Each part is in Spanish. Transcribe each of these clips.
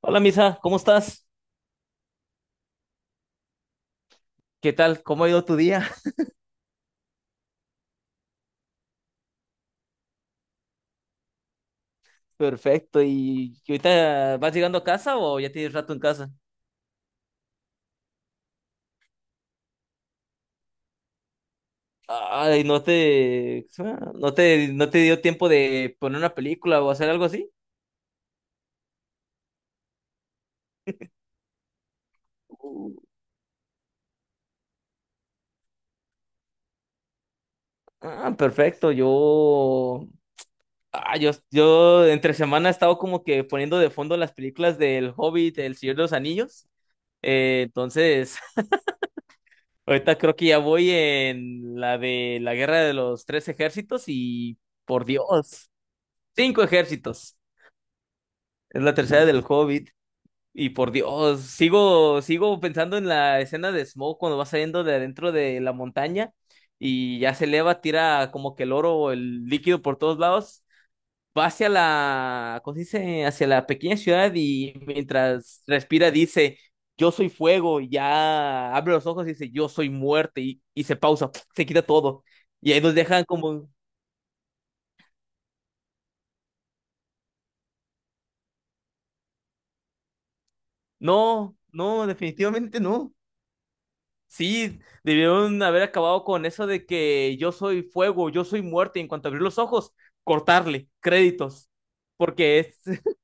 Hola, Misa, ¿cómo estás? ¿Qué tal? ¿Cómo ha ido tu día? Perfecto. ¿Y ahorita vas llegando a casa o ya tienes rato en casa? Ay, ¿no te dio tiempo de poner una película o hacer algo así? Uh, Ah, perfecto. Yo entre semana he estado como que poniendo de fondo las películas del Hobbit, El Señor de los Anillos. Entonces, ahorita creo que ya voy en la de la Guerra de los Tres Ejércitos y por Dios. Cinco ejércitos. Es la tercera del Hobbit. Y por Dios, sigo pensando en la escena de Smoke cuando va saliendo de adentro de la montaña y ya se eleva, tira como que el oro o el líquido por todos lados. Va hacia la, ¿cómo se dice? Hacia la pequeña ciudad y mientras respira dice, yo soy fuego, y ya abre los ojos y dice, yo soy muerte y se pausa, se quita todo. Y ahí nos dejan como, no, no, definitivamente no. Sí, debieron haber acabado con eso de que yo soy fuego, yo soy muerte, y en cuanto abrir los ojos, cortarle, créditos. Porque es.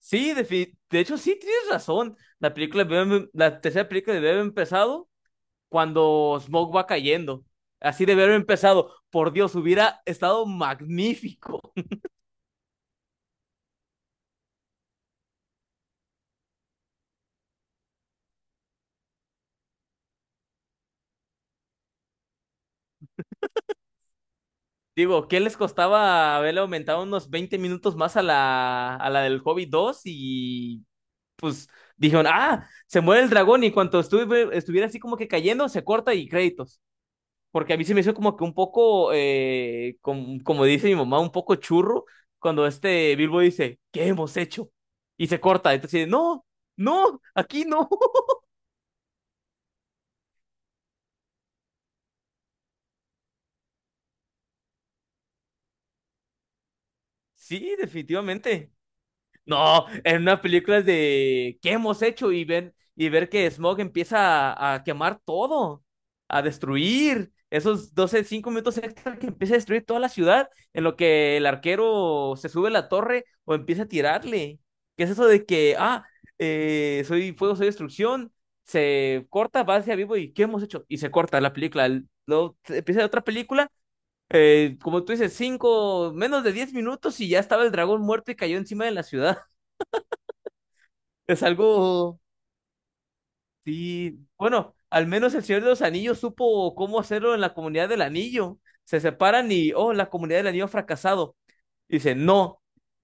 Sí, de hecho, sí tienes razón. La película, la tercera película debe haber empezado cuando Smoke va cayendo. Así debe haber empezado. Por Dios, hubiera estado magnífico. Digo, ¿qué les costaba haberle aumentado unos 20 minutos más a la del Hobby 2 y pues dijeron, ah, se muere el dragón y cuando estuviera así como que cayendo, se corta y créditos. Porque a mí se me hizo como que un poco, como dice mi mamá, un poco churro cuando este Bilbo dice, ¿qué hemos hecho? Y se corta. Entonces, no, no, aquí no. Sí, definitivamente. No, en una película es de ¿qué hemos hecho? Y ven, y ver que Smog empieza a quemar todo, a destruir. Esos 12 5 minutos extra que empieza a destruir toda la ciudad, en lo que el arquero se sube a la torre o empieza a tirarle. ¿Qué es eso de que, soy fuego, soy destrucción? Se corta, va hacia vivo y ¿qué hemos hecho? Y se corta la película. Luego empieza otra película, como tú dices, 5 menos de 10 minutos y ya estaba el dragón muerto y cayó encima de la ciudad. Es algo, sí, bueno, al menos el Señor de los Anillos supo cómo hacerlo en la comunidad del anillo. Se separan y, oh, la comunidad del anillo ha fracasado. Dice no,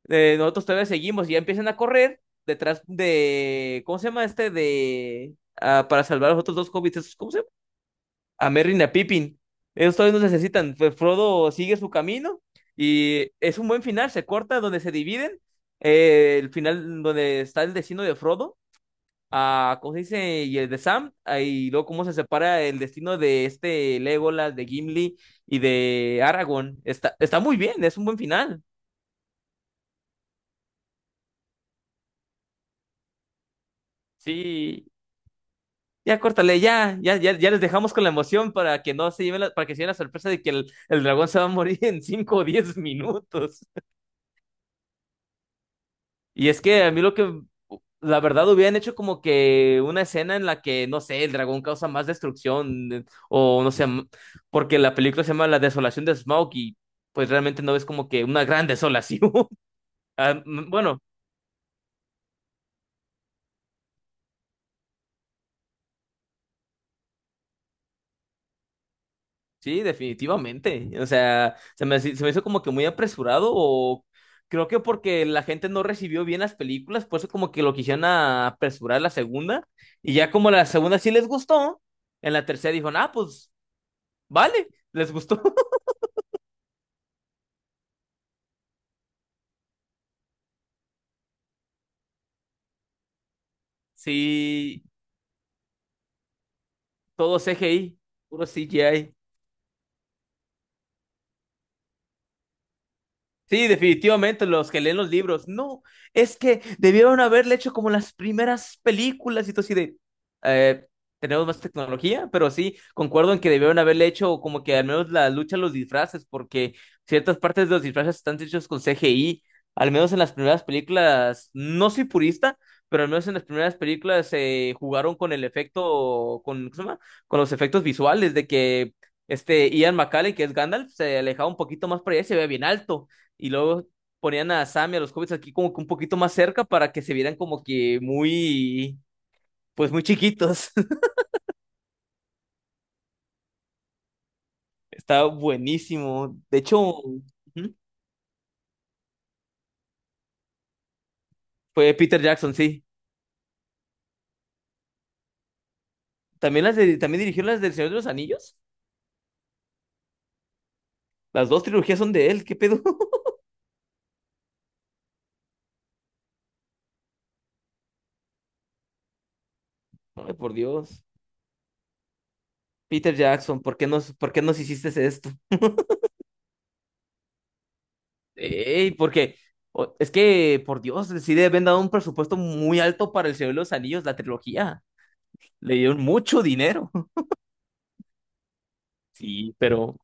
nosotros todavía seguimos y ya empiezan a correr detrás de, ¿cómo se llama este? De, ah, para salvar a los otros dos hobbits, ¿esos cómo se llama? A Merry y a Pippin. Ellos todavía nos necesitan. Pues Frodo sigue su camino y es un buen final, se corta donde se dividen. El final donde está el destino de Frodo a, ¿cómo se dice? Y el de Sam, ah, y luego cómo se separa el destino de este Legolas, de Gimli y de Aragorn. Está muy bien, es un buen final. Sí, ya córtale, ya, ya, ya, ya les dejamos con la emoción para que no se lleven la, para que se lleven la sorpresa de que el dragón se va a morir en 5 o 10 minutos. Y es que a mí lo que la verdad, hubieran hecho como que una escena en la que, no sé, el dragón causa más destrucción, o no sé, porque la película se llama La Desolación de Smaug y pues realmente no ves como que una gran desolación. Bueno, sí, definitivamente. O sea, se me hizo como que muy apresurado, o creo que porque la gente no recibió bien las películas, por eso como que lo quisieron apresurar la segunda, y ya como la segunda sí les gustó, en la tercera dijo, ah, pues vale, les gustó. Sí, todo CGI, puro CGI. Sí, definitivamente, los que leen los libros. No, es que debieron haberle hecho como las primeras películas y todo así de... eh, tenemos más tecnología, pero sí, concuerdo en que debieron haberle hecho como que al menos la lucha a los disfraces, porque ciertas partes de los disfraces están hechos con CGI. Al menos en las primeras películas, no soy purista, pero al menos en las primeras películas se jugaron con el efecto, con, ¿cómo se llama? Con los efectos visuales de que este Ian McKellen, que es Gandalf, se alejaba un poquito más para allá y se veía bien alto y luego ponían a Sam y a los hobbits aquí como que un poquito más cerca para que se vieran como que muy, pues muy chiquitos. Está buenísimo. De hecho, ujú, fue Peter Jackson, sí. También también dirigió las del Señor de los Anillos. Las dos trilogías son de él, ¿qué pedo? Ay, por Dios. Peter Jackson, ¿por qué nos hiciste esto? Ey, porque es que, por Dios, sí le habían dado un presupuesto muy alto para el Señor de los Anillos, la trilogía. Le dieron mucho dinero. Sí, pero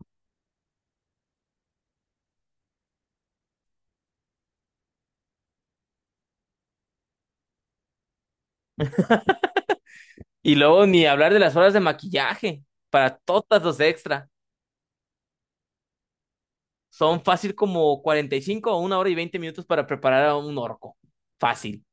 y luego ni hablar de las horas de maquillaje para todas los extra. Son fácil como 45 o 1 hora y 20 minutos para preparar a un orco. Fácil.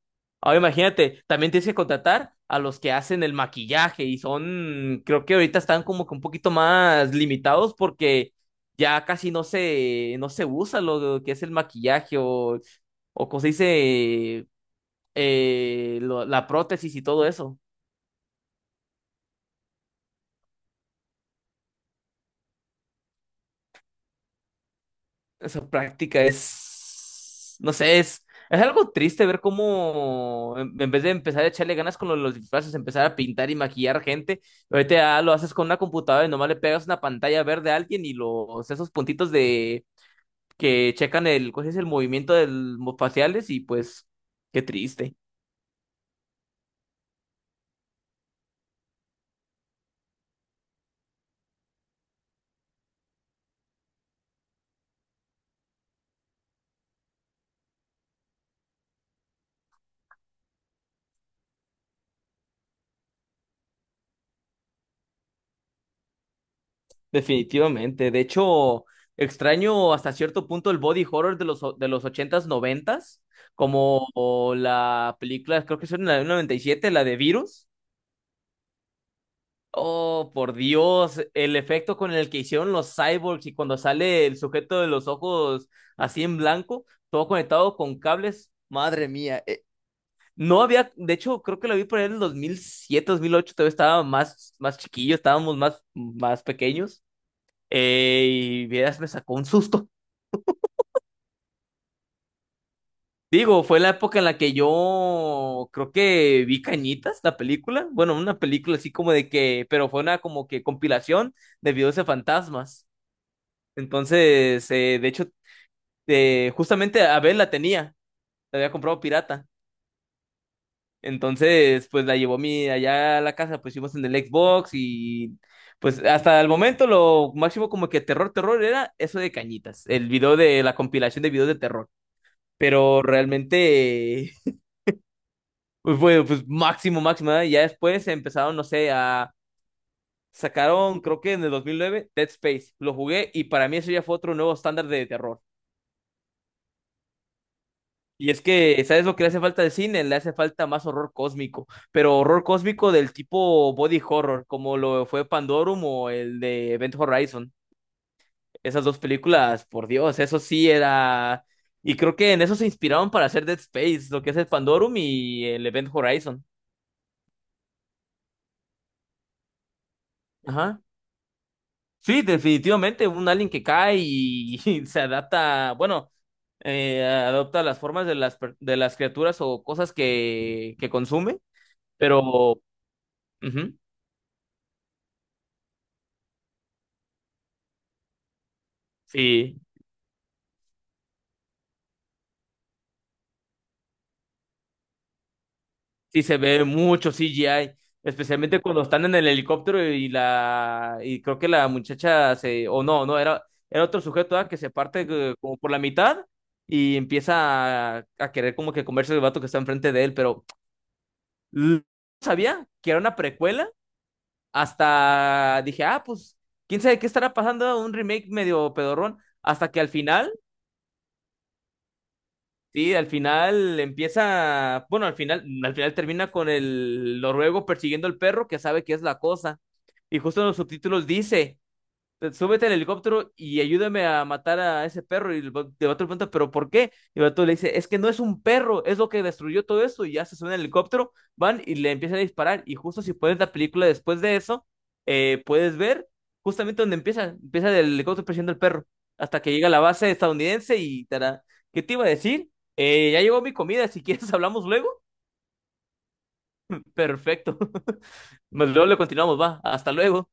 Ahora imagínate, también tienes que contratar a los que hacen el maquillaje y son, creo que ahorita están como que un poquito más limitados porque ya casi no se usa lo que es el maquillaje o como se dice, la prótesis y todo eso. Esa práctica es, no sé, es algo triste ver cómo en vez de empezar a echarle ganas con lo de los disfraces, empezar a pintar y maquillar gente, ahorita ya lo haces con una computadora y nomás le pegas una pantalla verde a alguien y los esos puntitos de que checan el, ¿cómo se dice? El movimiento faciales y pues qué triste. Definitivamente. De hecho, extraño hasta cierto punto el body horror de los, de los ochentas noventas como o la película, creo que es en la del 97 la de Virus. Oh, por Dios, el efecto con el que hicieron los cyborgs y cuando sale el sujeto de los ojos así en blanco, todo conectado con cables. Madre mía. No había, de hecho, creo que la vi por ahí en el 2007, 2008 todavía estaba más, más chiquillo, estábamos más, más pequeños. Eh, y vieras, me sacó un susto. Digo, fue la época en la que yo creo que vi Cañitas, la película. Bueno, una película así como de que, pero fue una como que compilación de videos de fantasmas. Entonces, de hecho, justamente Abel la tenía, la había comprado pirata. Entonces, pues la llevó mi allá a la casa, pues hicimos en el Xbox y pues hasta el momento lo máximo como que terror, terror era eso de Cañitas, el video de la compilación de videos de terror. Pero realmente, pues bueno, pues máximo, máximo, ¿eh? Ya después empezaron, no sé, a... Sacaron, creo que en el 2009, Dead Space. Lo jugué y para mí eso ya fue otro nuevo estándar de terror. Y es que, ¿sabes lo que le hace falta al cine? Le hace falta más horror cósmico, pero horror cósmico del tipo body horror, como lo fue Pandorum o el de Event Horizon. Esas dos películas, por Dios, eso sí era... Y creo que en eso se inspiraron para hacer Dead Space, lo que es el Pandorum y el Event Horizon. Ajá. Sí, definitivamente, un alien que cae y, y se adapta, bueno, adopta las formas de las, de las criaturas o cosas que consume, pero ujú, sí, sí se ve mucho CGI, especialmente cuando están en el helicóptero y la, y creo que la muchacha se, o no, no, era, era otro sujeto ah, que se parte como por la mitad y empieza a querer como que comerse el vato que está enfrente de él, pero... l- sabía que era una precuela hasta dije, ah, pues, quién sabe qué estará pasando, un remake medio pedorrón, hasta que al final, sí, al final empieza, bueno, al final termina con el noruego persiguiendo al perro que sabe que es la cosa. Y justo en los subtítulos dice, súbete al helicóptero y ayúdame a matar a ese perro. Y el vato le pregunta, ¿pero por qué? Y el vato le dice, es que no es un perro, es lo que destruyó todo eso. Y ya se suben al helicóptero, van y le empiezan a disparar. Y justo si pones la película después de eso, puedes ver justamente donde empieza el helicóptero persiguiendo al perro, hasta que llega a la base estadounidense y tará. ¿Qué te iba a decir? Ya llegó mi comida, si quieres hablamos luego. Perfecto. Pues luego le continuamos, va. Hasta luego.